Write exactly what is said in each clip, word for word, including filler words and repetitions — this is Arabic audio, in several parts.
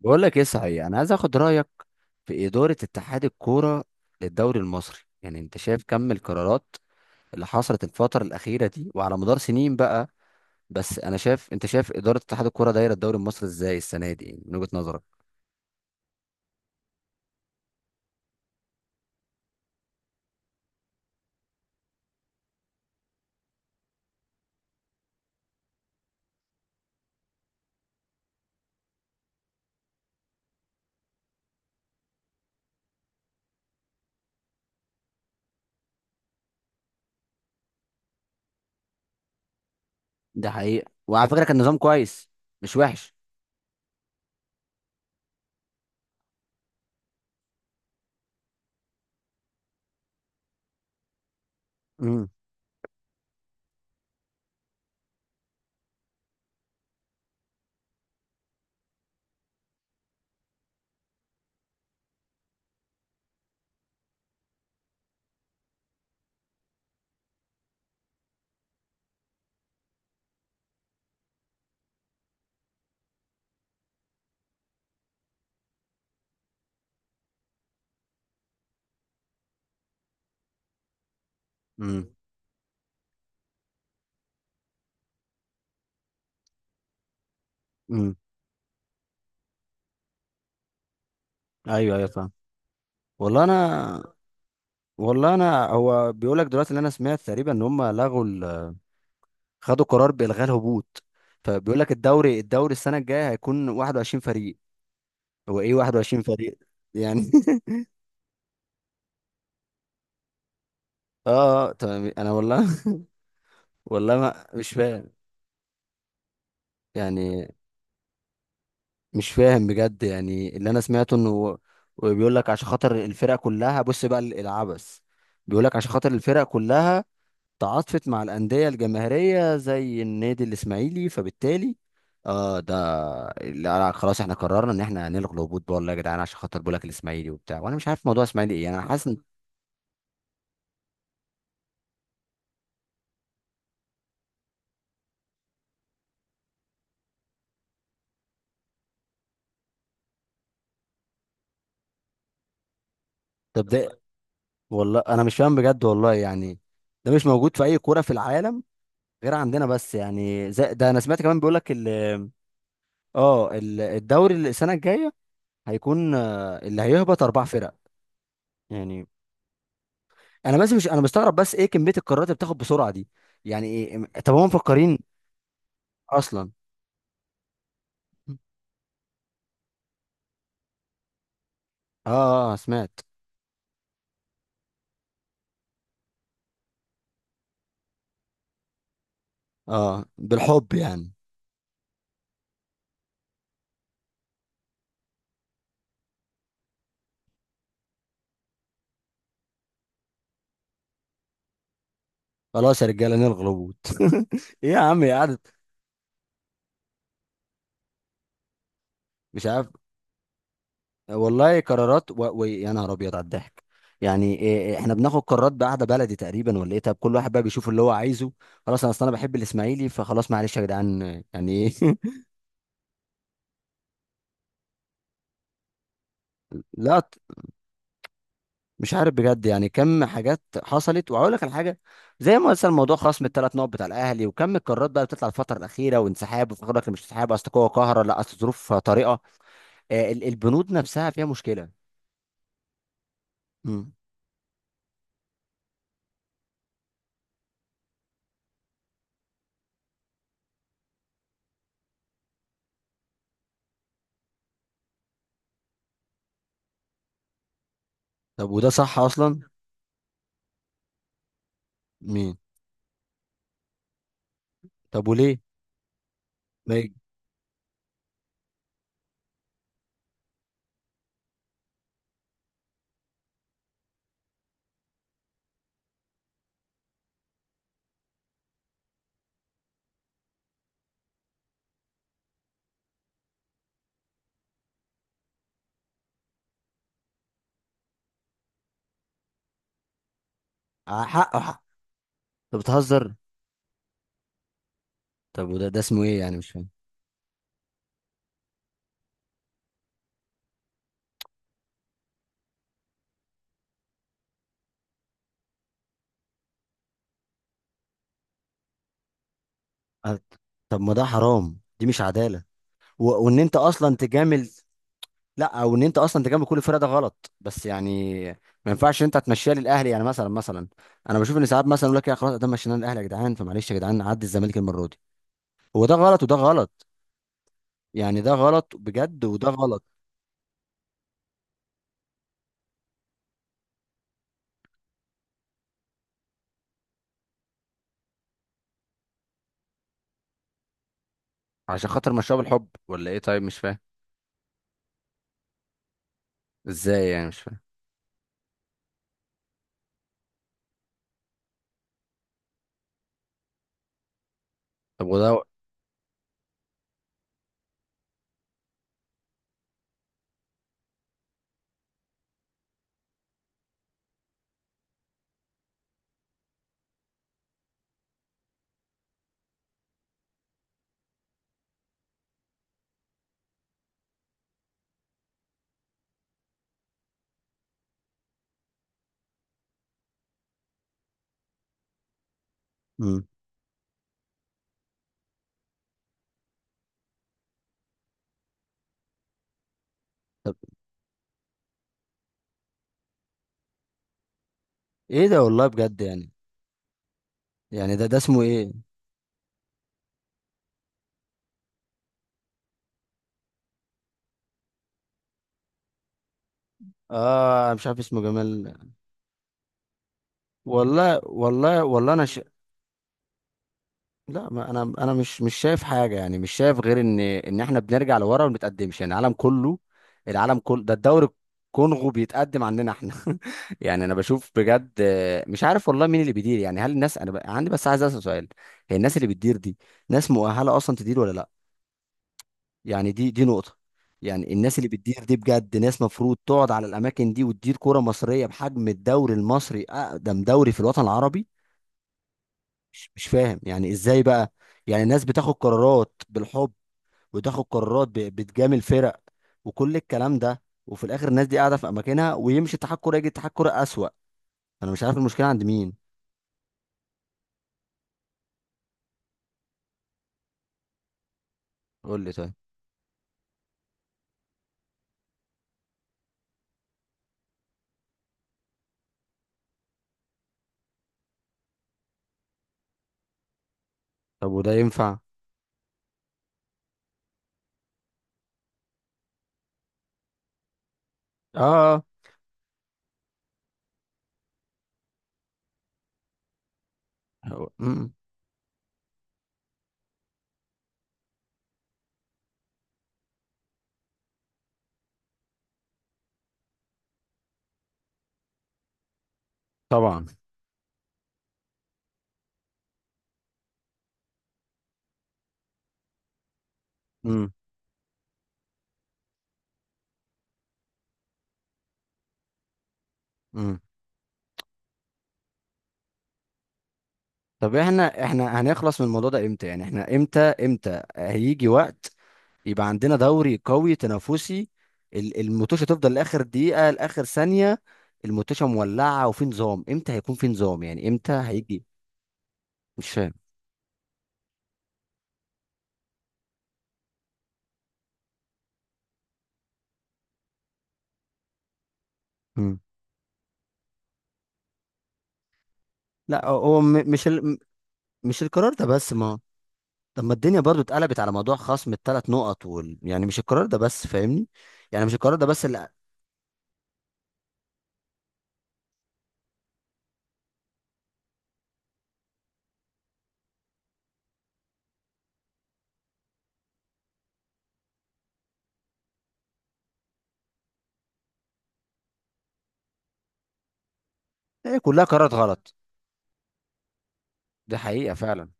بقول لك ايه صحيح، انا عايز اخد رايك في اداره اتحاد الكوره للدوري المصري. يعني انت شايف كم القرارات اللي حصلت الفتره الاخيره دي وعلى مدار سنين بقى؟ بس انا شايف، انت شايف اداره اتحاد الكوره دايره الدوري المصري ازاي السنه دي، يعني من وجهه نظرك؟ ده حقيقة وعلى فكره كان نظام كويس، مش وحش. امم، امم، امم. ايوه، ايوه، فاهم. والله انا والله انا هو بيقول لك دلوقتي اللي انا سمعت تقريبا ان هم لغوا، خدوا قرار بالغاء الهبوط. فبيقول لك الدوري الدوري السنه الجايه هيكون 21 فريق. هو ايه 21 فريق؟ يعني اه، اه، تمام، انا والله والله ما مش فاهم. يعني مش فاهم بجد، يعني اللي انا سمعته انه بيقول لك عشان خاطر الفرق كلها، بص بقى ال- العبث. بيقول لك عشان خاطر الفرق كلها تعاطفت مع الأندية الجماهيرية زي النادي الإسماعيلي، فبالتالي اه ده لا، لا، خلاص احنا قررنا ان احنا هنلغي الهبوط بقى، والله يا جدعان، عشان خاطر بقولك الإسماعيلي وبتاع، وانا مش عارف موضوع إسماعيلي ايه يعني، انا حاسس ان... طب ده، والله انا مش فاهم بجد والله يعني. ده مش موجود في اي كورة في العالم غير عندنا بس، يعني زي ده. انا سمعت كمان بيقولك ال اه ال- الدوري اللي السنة الجاية هيكون، آه، اللي هيهبط اربع فرق. يعني انا بس، مش، انا مستغرب بس ايه كمية القرارات اللي بتاخد بسرعة دي، يعني ايه؟ طب هم مفكرين اصلا؟ اه، آه، آه، سمعت. اه، بالحب يعني. خلاص يا رجاله، نلغي الهبوط إيه يا عم يا قعدة؟ مش عارف. والله قرارات و... و... يا نهار ابيض على الضحك. يعني إيه إيه، احنا بناخد قرارات بقعده بلدي تقريبا ولا ايه؟ طب كل واحد بقى بيشوف اللي هو عايزه. خلاص، انا اصل انا بحب الاسماعيلي، فخلاص معلش يا جدعان، يعني ايه لا، ط- مش عارف بجد. يعني كم حاجات حصلت وهقول لك على حاجه، زي ما مثلا موضوع خصم الثلاث نقط بتاع الاهلي، وكم القرارات بقى بتطلع الفتره الاخيره، وانسحاب، وفاكر لك مش انسحاب، اصل قوه قاهره، لا اصل ظروف طارئه. آه، ال- البنود نفسها فيها مشكلة. مم. طب وده صح أصلا؟ مين؟ طب وليه؟ ما يج- ع- حق، حق. طب بتهزر؟ طب، وده، ده اسمه إيه يعني، مش فاهم. آه، طب ما ده حرام، دي مش عدالة، و... وإن أنت أصلا تجامل. لا، أو إن أنت أصلا تجامل كل الفرق، ده غلط، بس يعني ما ينفعش أنت تمشيها للأهلي. يعني مثلا، مثلا أنا بشوف إن ساعات مثلا يقول لك يا خلاص ده مشيناه للأهلي يا جدعان، فمعلش يا جدعان عدي الزمالك المرة دي. هو ده غلط وده غلط، يعني ده غلط بجد وده غلط. عشان خاطر مشاه بالحب ولا إيه؟ طيب مش فاهم. ازاي يعني، مش فاهم. طب وده مم. طب، ايه ده، والله بجد يعني. يعني ده ده اسمه ايه؟ اه، مش عارف اسمه جمال. والله، والله، والله انا ش... لا، ما انا انا مش مش شايف حاجه، يعني مش شايف غير ان ان احنا بنرجع لورا وما بنتقدمش. يعني العالم كله، العالم كله ده الدوري. الكونغو بيتقدم عننا احنا يعني انا بشوف بجد، آه، مش عارف والله مين اللي بيدير، يعني هل الناس، انا ب... عندي بس عايز اسال سؤال. هي الناس اللي بتدير دي ناس مؤهله اصلا تدير ولا لا؟ يعني دي دي نقطة. يعني الناس اللي بتدير دي بجد ناس مفروض تقعد على الأماكن دي وتدير كرة مصرية بحجم الدوري المصري، أقدم دوري في الوطن العربي. مش مش فاهم يعني إزاي بقى. يعني الناس بتاخد قرارات بالحب، وتاخد قرارات ب- بتجامل فرق، وكل الكلام ده، وفي الآخر الناس دي قاعدة في أماكنها، ويمشي اتحاد كورة يجي اتحاد كورة أسوأ. أنا مش عارف المشكلة عند مين. قول لي طيب. طب وده ينفع؟ آه. هو- مم. طبعا. مم. مم. طب، احنا احنا هنخلص من الموضوع ده امتى؟ يعني احنا، امتى امتى هيجي وقت يبقى عندنا دوري قوي تنافسي، ال- الموتوشة تفضل لاخر دقيقة لاخر ثانية، الموتوشة مولعة، وفي نظام؟ امتى هيكون في نظام؟ يعني امتى هيجي؟ مش فاهم. مم. لا هو م- مش ال... م- مش القرار ده بس ما. طب ما الدنيا برضو اتقلبت على موضوع خصم الثلاث نقط وال... يعني مش القرار ده بس، فاهمني؟ يعني مش القرار ده بس اللي... هي كلها قرارات غلط. دي حقيقة فعلا.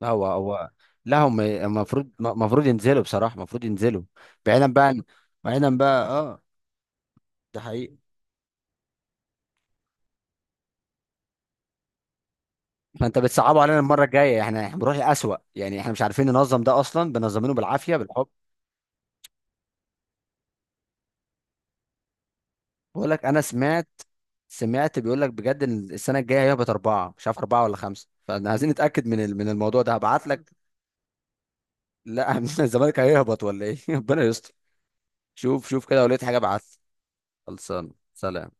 لا هو هو لا، هم المفروض المفروض ينزلوا بصراحة، المفروض ينزلوا. بعيدا بقى عن- بعيدا بقى، اه ده حقيقي. فانت بتصعبوا علينا المرة الجاية، احنا احنا بنروح الأسوأ، يعني احنا مش عارفين ننظم ده اصلا، بنظمينه بالعافية، بالحب. بقول لك انا سمعت سمعت بيقول لك بجد ان السنة الجاية هيهبط أربعة، مش عارف أربعة ولا خمسة، فاحنا عايزين نتأكد من ال- من الموضوع ده. هبعت لك. لا الزمالك هيهبط ولا ايه ربنا يستر. شوف، شوف كده، لو لقيت حاجة ابعت لي. خلصان، سلام.